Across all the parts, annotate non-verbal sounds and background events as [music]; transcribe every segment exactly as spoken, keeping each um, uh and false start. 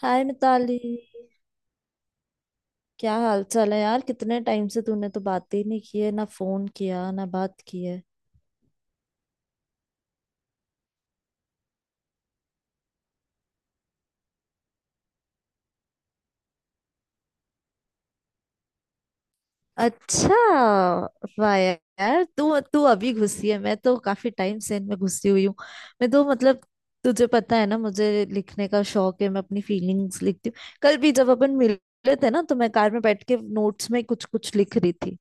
हाय मिताली। क्या हाल चाल है यार? कितने टाइम से तूने तो बात ही नहीं की है, ना फोन किया ना बात की है। अच्छा। वाह यार, तू तू अभी घुसी है, मैं तो काफी टाइम से इनमें घुसी हुई हूँ। मैं तो मतलब तुझे पता है ना, मुझे लिखने का शौक है। मैं अपनी फीलिंग्स लिखती हूँ। कल भी जब अपन मिले थे ना, तो मैं कार में बैठ के नोट्स में कुछ कुछ लिख रही थी।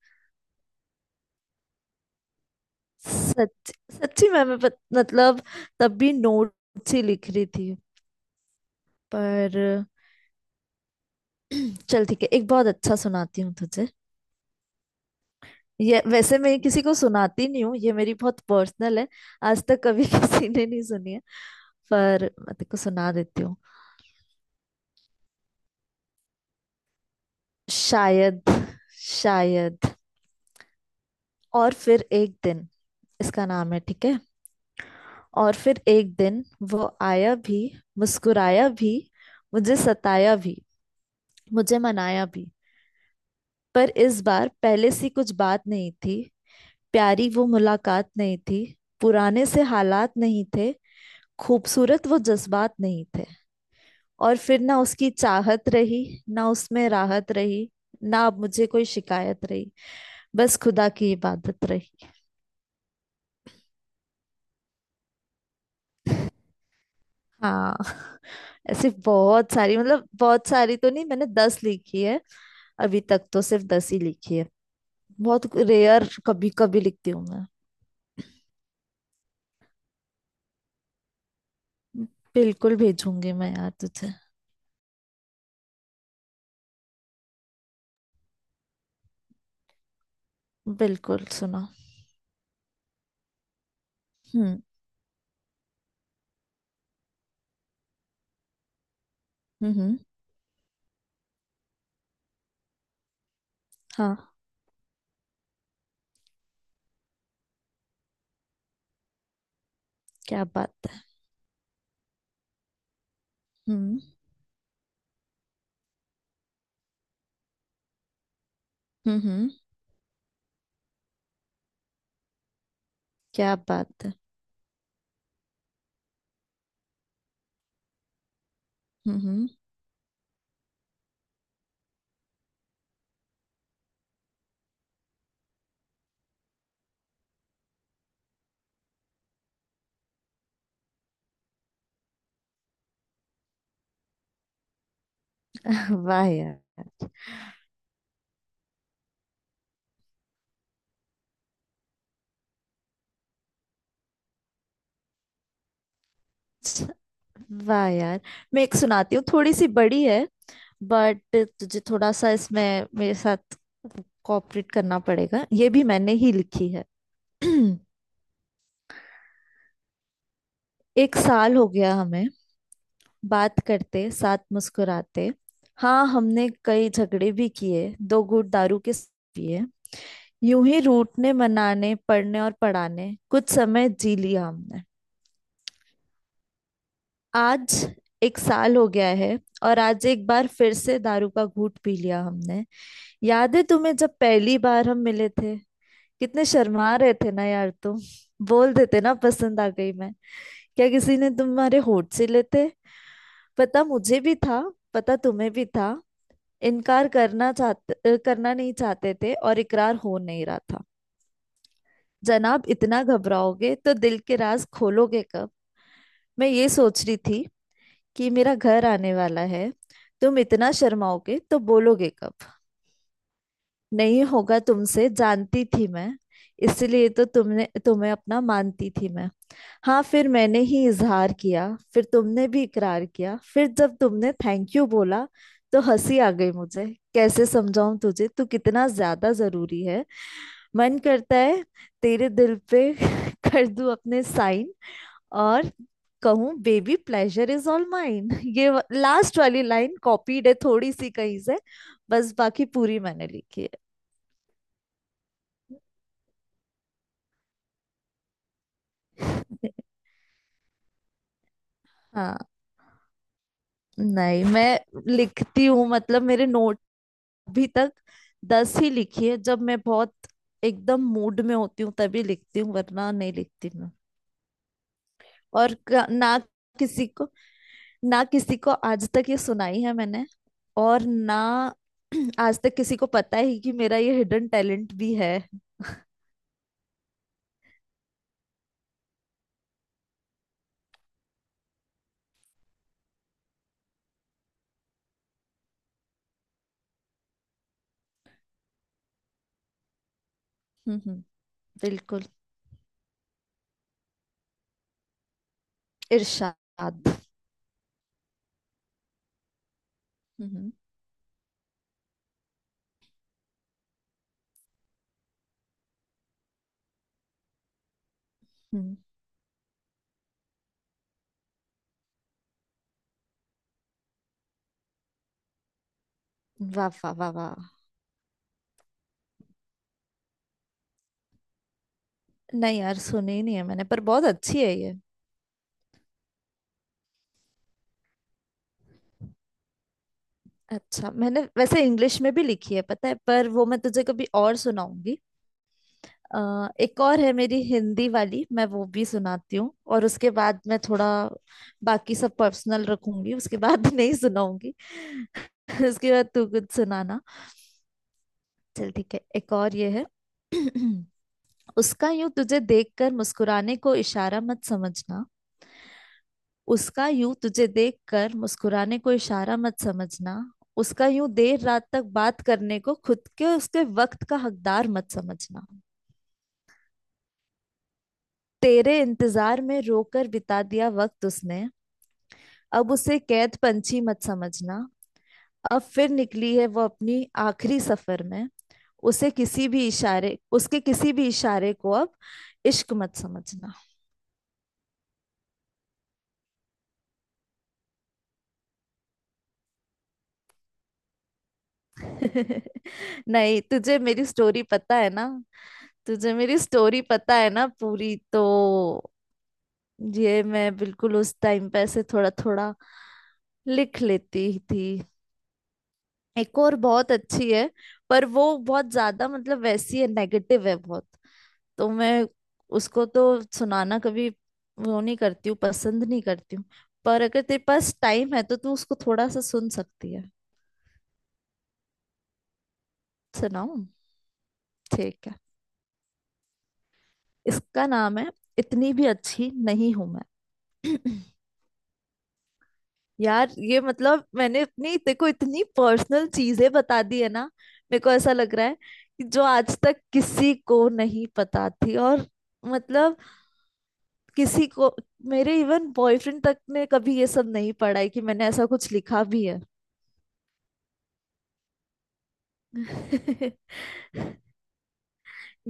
सच। सच्ची में मैं पत- मतलब तब भी नोट्स ही लिख रही थी। पर चल ठीक है, एक बहुत अच्छा सुनाती हूँ तुझे। ये वैसे मैं किसी को सुनाती नहीं हूँ, ये मेरी बहुत पर्सनल है। आज तक कभी [laughs] किसी ने नहीं सुनी है। पर मैं तेको सुना देती हूँ। शायद। शायद। और फिर एक दिन। इसका नाम है, ठीक है। और फिर एक दिन, वो आया भी, मुस्कुराया भी, मुझे सताया भी, मुझे मनाया भी। पर इस बार पहले सी कुछ बात नहीं थी, प्यारी वो मुलाकात नहीं थी, पुराने से हालात नहीं थे, खूबसूरत वो जज्बात नहीं थे। और फिर ना उसकी चाहत रही, ना उसमें राहत रही, ना अब मुझे कोई शिकायत रही, बस खुदा की इबादत रही। हाँ [laughs] ऐसे बहुत सारी, मतलब बहुत सारी तो नहीं, मैंने दस लिखी है। अभी तक तो सिर्फ दस ही लिखी है। बहुत रेयर, कभी कभी लिखती हूँ मैं। बिल्कुल भेजूंगी मैं यार तुझे। बिल्कुल सुना। हम्म। हम्म। हम्म, हाँ। क्या बात है। हम्म। हम्म। हम्म, क्या बात है। हम्म। हम्म, [laughs] वाह यार। वाह यार, मैं एक सुनाती हूँ, थोड़ी सी बड़ी है, बट तुझे थोड़ा सा इसमें मेरे साथ कोऑपरेट करना पड़ेगा। ये भी मैंने ही लिखी है। [clears throat] एक साल हो गया हमें बात करते, साथ मुस्कुराते। हाँ, हमने कई झगड़े भी किए, दो घूंट दारू के साथ पिए। यूं ही रूठने मनाने, पढ़ने और पढ़ाने, कुछ समय जी लिया हमने। आज एक साल हो गया है, और आज एक बार फिर से दारू का घूंट पी लिया हमने। याद है तुम्हें, जब पहली बार हम मिले थे, कितने शर्मा रहे थे ना यार तुम। बोल देते ना, पसंद आ गई मैं, क्या किसी ने तुम्हारे होठ से लेते। पता मुझे भी था, पता तुम्हें भी था। इनकार करना चाहते, अ, करना नहीं चाहते थे और इकरार हो नहीं रहा था। जनाब, इतना घबराओगे तो दिल के राज खोलोगे कब? मैं ये सोच रही थी कि मेरा घर आने वाला है, तुम इतना शर्माओगे तो बोलोगे कब? नहीं होगा तुमसे, जानती थी मैं। इसलिए तो तुमने, तुम्हें अपना मानती थी मैं। हाँ, फिर मैंने ही इजहार किया, फिर तुमने भी इकरार किया। फिर जब तुमने थैंक यू बोला, तो हंसी आ गई मुझे। कैसे समझाऊं तुझे, तू कितना ज्यादा जरूरी है। मन करता है तेरे दिल पे [laughs] कर दूं अपने साइन, और कहूँ baby pleasure is all mine. [laughs] ये लास्ट वाली लाइन कॉपीड है थोड़ी सी कहीं से, बस बाकी पूरी मैंने लिखी है। [laughs] हाँ। नहीं, मैं लिखती हूँ, मतलब मेरे नोट, अभी तक दस ही लिखी है। जब मैं बहुत एकदम मूड में होती हूँ तभी लिखती हूँ, वरना नहीं लिखती मैं। और क- ना किसी को, ना किसी को आज तक ये सुनाई है मैंने। और ना [clears throat] आज तक किसी को पता है कि मेरा ये हिडन टैलेंट भी है। हम्म। बिल्कुल। इरशाद। हम्म। हम्म, वाह वाह वाह वाह। नहीं यार, सुनी ही नहीं है मैंने, पर बहुत अच्छी है ये। अच्छा, मैंने वैसे इंग्लिश में भी लिखी है, पता है? पर वो मैं तुझे कभी और सुनाऊंगी। अ, एक और है मेरी हिंदी वाली, मैं वो भी सुनाती हूँ, और उसके बाद मैं थोड़ा बाकी सब पर्सनल रखूंगी उसके बाद, [laughs] नहीं सुनाऊंगी। [laughs] उसके बाद तू कुछ सुनाना। चल ठीक है, एक और ये है। [clears throat] उसका यूं तुझे देखकर मुस्कुराने को इशारा मत समझना। उसका यूं तुझे देखकर मुस्कुराने को इशारा मत समझना। उसका यूं देर रात तक बात करने को खुद के, उसके वक्त का हकदार मत समझना। तेरे इंतजार में रोकर बिता दिया वक्त उसने, अब उसे कैद पंछी मत समझना। अब फिर निकली है वो अपनी आखिरी सफर में, उसे किसी भी इशारे, उसके किसी भी इशारे को अब इश्क मत समझना। [laughs] नहीं, तुझे मेरी स्टोरी पता है ना। तुझे मेरी स्टोरी पता है ना पूरी तो। ये मैं बिल्कुल उस टाइम पे ऐसे थोड़ा थोड़ा लिख लेती थी। एक और बहुत अच्छी है, पर वो बहुत ज्यादा, मतलब वैसी है, नेगेटिव है बहुत। तो मैं उसको तो सुनाना कभी वो नहीं करती हूँ, पसंद नहीं करती हूँ। पर अगर तेरे पास टाइम है तो तू उसको थोड़ा सा सुन सकती है। सुनाऊँ? ठीक है। इसका नाम है, इतनी भी अच्छी नहीं हूं मैं। [clears throat] यार, ये मतलब मैंने अपनी, देखो इतनी पर्सनल चीजें बता दी है ना। मेरे को ऐसा लग रहा है कि जो आज तक किसी को नहीं पता थी, और मतलब किसी को, मेरे इवन बॉयफ्रेंड तक ने कभी ये सब नहीं पढ़ा है कि मैंने ऐसा कुछ लिखा भी है। [laughs]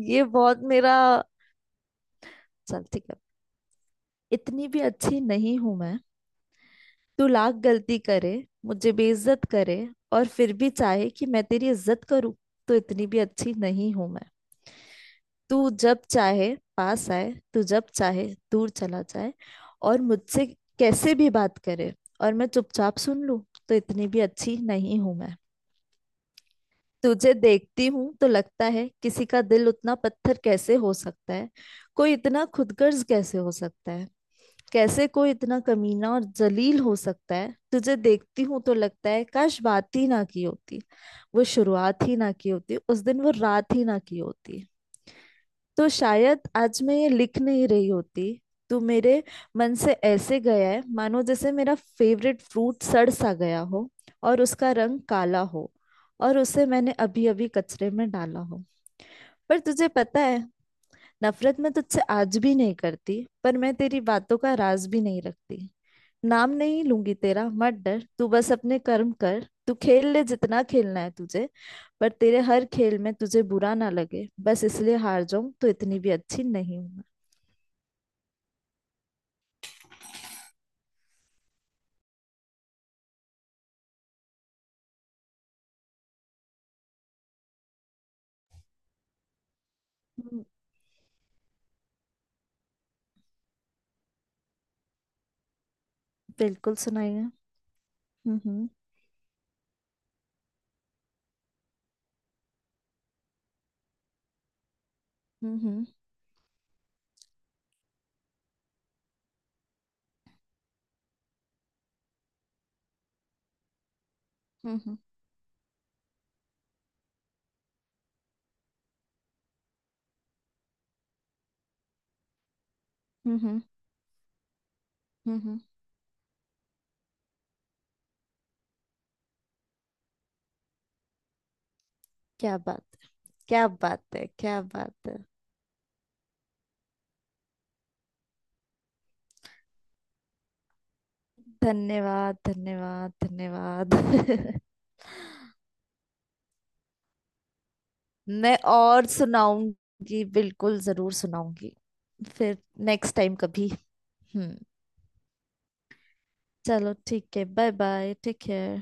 ये बहुत मेरा। चल ठीक है। इतनी भी अच्छी नहीं हूं मैं। तू लाख गलती करे, मुझे बेइज्जत करे, और फिर भी चाहे कि मैं तेरी इज्जत करूं, तो इतनी भी अच्छी नहीं हूं मैं। तू जब चाहे पास आए, तू जब चाहे दूर चला जाए, और मुझसे कैसे भी बात करे, और मैं चुपचाप सुन लूं, तो इतनी भी अच्छी नहीं हूं मैं। तुझे देखती हूं तो लगता है किसी का दिल उतना पत्थर कैसे हो सकता है, कोई इतना खुदगर्ज कैसे हो सकता है, कैसे कोई इतना कमीना और जलील हो सकता है। तुझे देखती हूं तो लगता है काश बात ही ना की होती, वो शुरुआत ही ना की होती, उस दिन वो रात ही ना की होती, तो शायद आज मैं ये लिख नहीं रही होती। तो मेरे मन से ऐसे गया है मानो जैसे मेरा फेवरेट फ्रूट सड़ सा गया हो, और उसका रंग काला हो, और उसे मैंने अभी अभी कचरे में डाला हो। पर तुझे पता है, नफरत मैं तुझसे आज भी नहीं करती, पर मैं तेरी बातों का राज भी नहीं रखती। नाम नहीं लूंगी तेरा, मत डर, तू बस अपने कर्म कर। तू खेल ले जितना खेलना है तुझे, पर तेरे हर खेल में तुझे बुरा ना लगे बस इसलिए हार जाऊं, तो इतनी भी अच्छी नहीं हूं मैं। हम्म, बिल्कुल सुनाइए। हम्म। हम्म। हम्म। हम्म। हम्म। हम्म। हम्म। हम्म, क्या बात है, क्या बात है, क्या बात है। धन्यवाद धन्यवाद धन्यवाद। [laughs] मैं और सुनाऊंगी, बिल्कुल जरूर सुनाऊंगी। फिर नेक्स्ट टाइम कभी। हम्म। चलो ठीक है, बाय बाय, टेक केयर।